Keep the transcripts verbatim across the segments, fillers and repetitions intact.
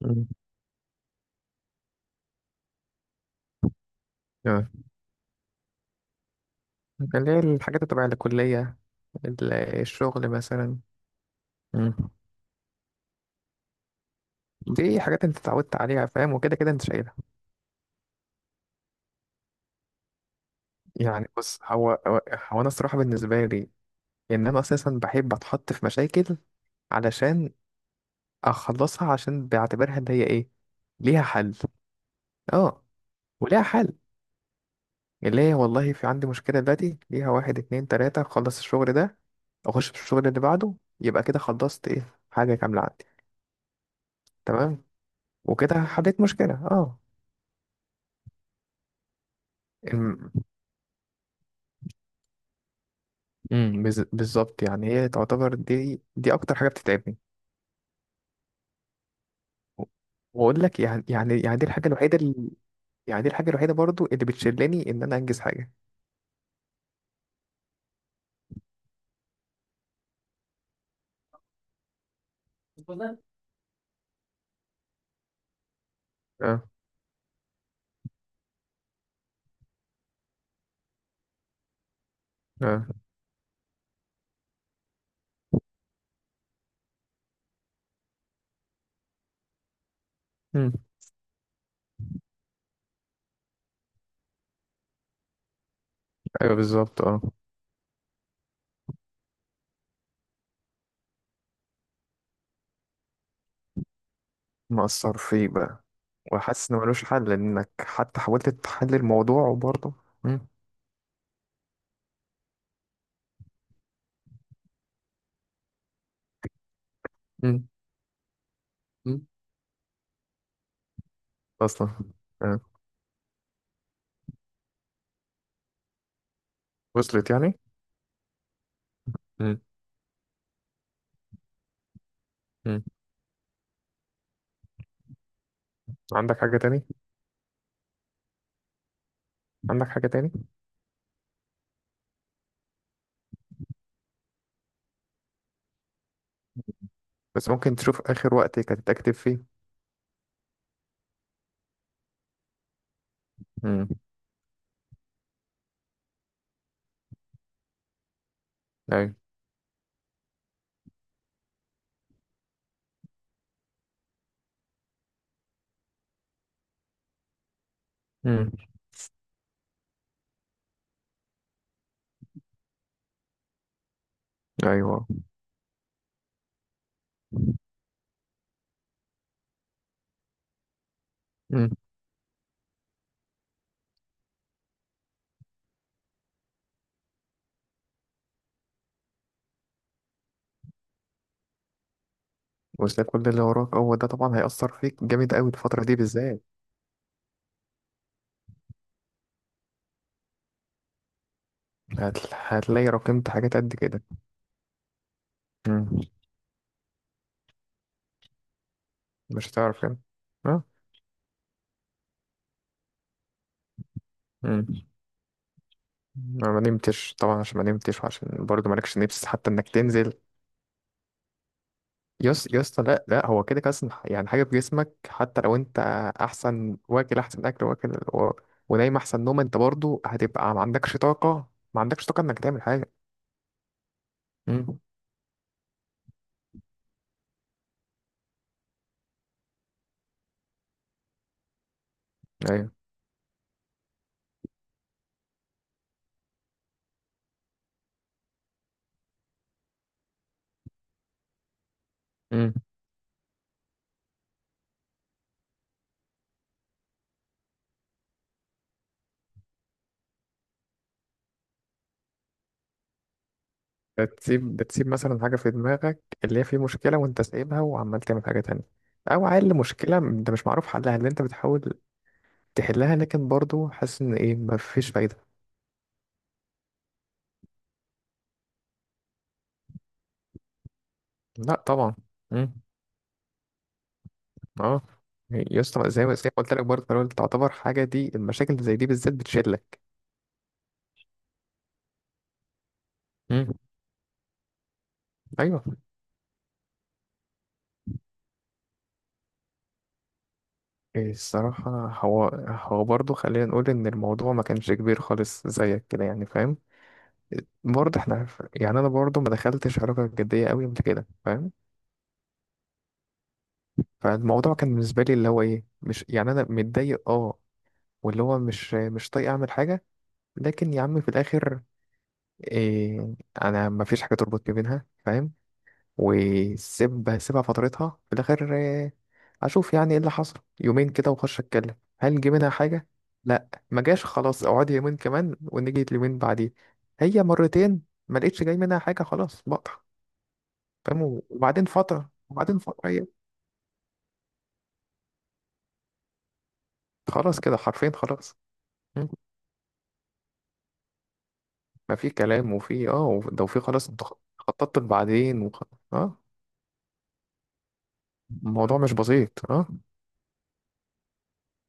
مم. اه. اللي هي الحاجات اللي تبع الكلية. ال- الشغل مثلا. مم. دي حاجات انت اتعودت عليها، فاهم، وكده كده انت شايلها. يعني بص، هو هو هو انا الصراحة بالنسبة لي ان انا اساسا بحب اتحط في مشاكل علشان اخلصها، عشان بعتبرها اللي هي ايه، ليها حل. اه، وليها حل. اللي هي والله في عندي مشكلة دلوقتي، ليها واحد اتنين تلاتة اخلص الشغل ده، اخش في الشغل اللي بعده، يبقى كده خلصت ايه، حاجة كاملة عندي. تمام. وكده حليت مشكلة. اه. الم- امم بز- بالظبط. يعني هي تعتبر دي دي اكتر حاجة بتتعبني. واقول لك، يعني يعني يعني دي الحاجة الوحيدة اللي، يعني دي الحاجة الوحيدة برضو اللي بتشلني ان انا انجز حاجة. اه. اه. امم. ايوه بالظبط. اه. مأثر فيك بقى. وحاسس ان ملوش حل، انك حتى حاولت تحل الموضوع وبرضه. امم. امم. امم. اصلا. اه. وصلت يعني. امم. امم. عندك حاجة تاني؟ عندك حاجة تاني؟ بس ممكن تشوف اخر وقت كانت اكتب فيه. امم. ايوه. امم. ايوه. امم. وتلاقي كل اللي وراك، هو ده طبعا هيأثر فيك جامد قوي الفترة دي بالذات. هت... هتلاقي رقمت حاجات قد كده. امم. مش هتعرف يعني. اه. امم. انا ما نمتش طبعا، عشان ما نمتش وعشان برضه مالكش نفس حتى انك تنزل. يس يا اسطى، لا لا، هو كده كده أصلاً يعني حاجة في جسمك. حتى لو انت احسن واكل احسن اكل واكل و... ونايم احسن نوم، انت برضه هتبقى ما عندكش طاقة، ما عندكش طاقة انك تعمل حاجة. امم. ايوه. ده تسيب ده تسيب مثلا حاجة في دماغك، اللي هي في مشكلة وانت سايبها وعمال تعمل حاجة تانية. أو عيل مشكلة انت مش معروف حلها، اللي انت بتحاول تحلها لكن برضو حاسس ان ايه، مفيش فايدة. لا طبعا. مم. اه. يا اسطى، زي ما زي ما قلت لك برضه في الأول، تعتبر حاجة دي، المشاكل اللي زي دي بالذات بتشلك. مم. ايوه. إيه الصراحة. هو هو برضه، خلينا نقول ان الموضوع ما كانش كبير خالص زيك كده يعني فاهم. برضه احنا، يعني انا برضه ما دخلتش علاقة جدية قوي من كده فاهم. فالموضوع كان بالنسبة لي اللي هو ايه، مش يعني انا متضايق اه، واللي هو مش مش طايق اعمل حاجة. لكن يا عم في الاخر، إيه، انا ما فيش حاجة تربط ما بينها فاهم. وسيب سيبها فترتها في الاخر. إيه، اشوف يعني ايه اللي حصل يومين كده واخش اتكلم، هل جه منها حاجة؟ لا، ما جاش، خلاص اقعدي يومين كمان، ونيجي اليومين بعديه. هي مرتين. ما لقيتش جاي منها حاجة، خلاص بقطع. فاهم. وبعدين فترة وبعدين فترة هي، خلاص كده حرفين خلاص. ما في كلام، وفي اه وف- ده، وفي خلاص، انت خ- خططت بعدين وخ... اه. الموضوع مش بسيط، اه.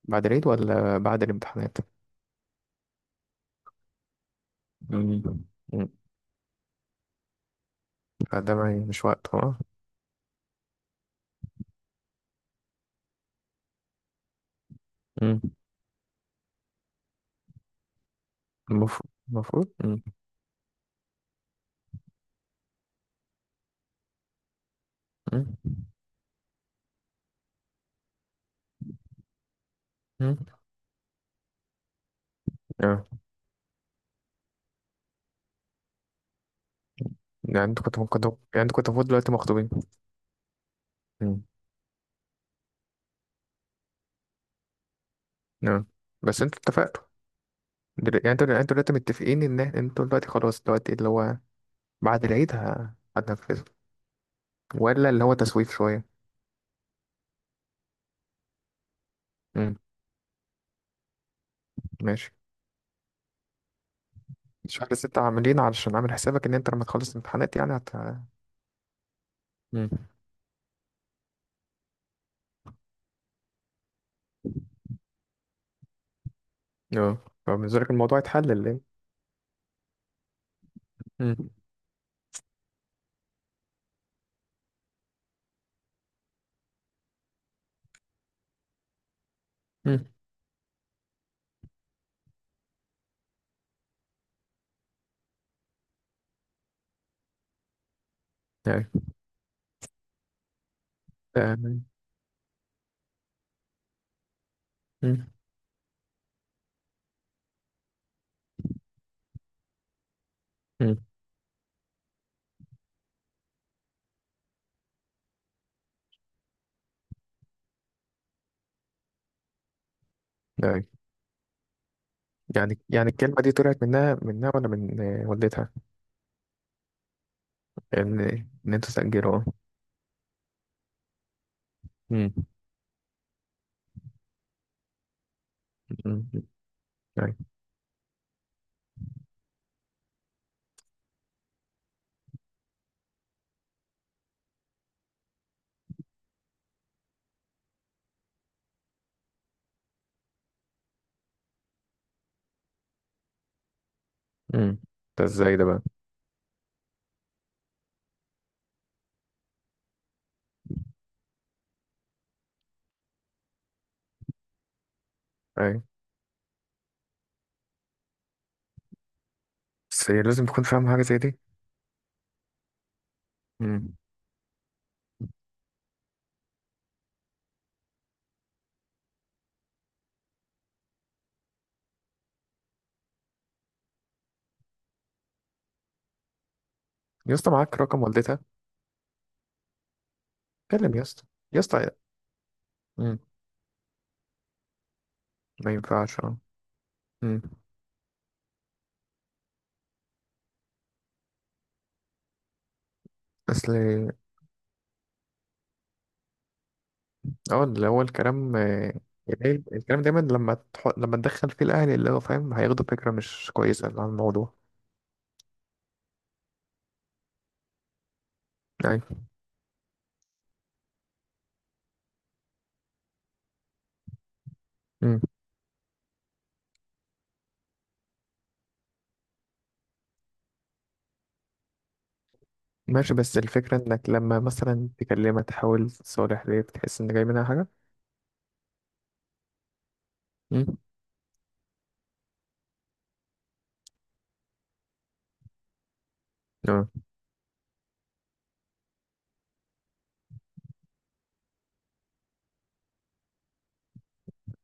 بعد العيد ولا بعد الامتحانات؟ مم. مم. فده ما مش وقت، اه. مم. المفروض المفروض. مم. مم. مم. اه. يعني انتوا كنتوا ممكن يعني انتوا كنتوا المفروض دلوقتي مخطوبين. مم. اه. بس انتوا اتفقتوا. دل... يعني انتوا يعني انتوا دلوقتي متفقين ان انتوا دلوقتي خلاص دلوقتي اللي هو بعد العيد ه- هتنفذوا، ولا اللي هو تسويف شوية. مم. ماشي. شهر ستة، عاملين علشان عامل حسابك إن أنت لما تخلص الامتحانات يعني هت مم. أه. فبالنسبة لك الموضوع يتحل اللي إيه؟ مم. مم. أيوة. آه. مم. مم. أيوة. يعني يعني الكلمة دي طلعت منها منها ولا من آه، والدتها؟ إن إن أنت تسجله، أه. مم. مم. أيوة. مم. ده إزاي ده بقى. أيوة. بس هي لازم تكون فاهم حاجة زي دي. مم. يا اسطى معاك رقم والدتها؟ كلم يا اسطى، يا اسطى. مم. ما ينفعش، أه. مم. أصل. اه اللي هو الكلام، آه، يعني إيه، الكلام دايما لما تح... لما تدخل فيه الأهل، اللي هو فاهم، هياخدوا فكرة مش كويسة عن الموضوع. أيوة. أمم. ماشي، بس الفكرة إنك لما مثلا تكلمها تحاول تصالح، ليه بتحس إن جاي منها حاجة؟ أمم. اه.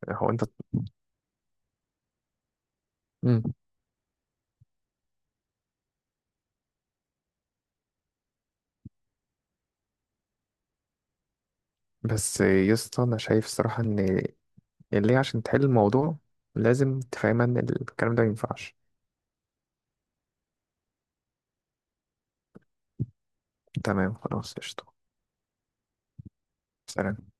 هو أنت. أمم. بس يا اسطى، أنا شايف الصراحة إن اللي هي، عشان تحل الموضوع لازم تفهمها إن الكلام ده مينفعش. تمام، خلاص قشطة. سلام.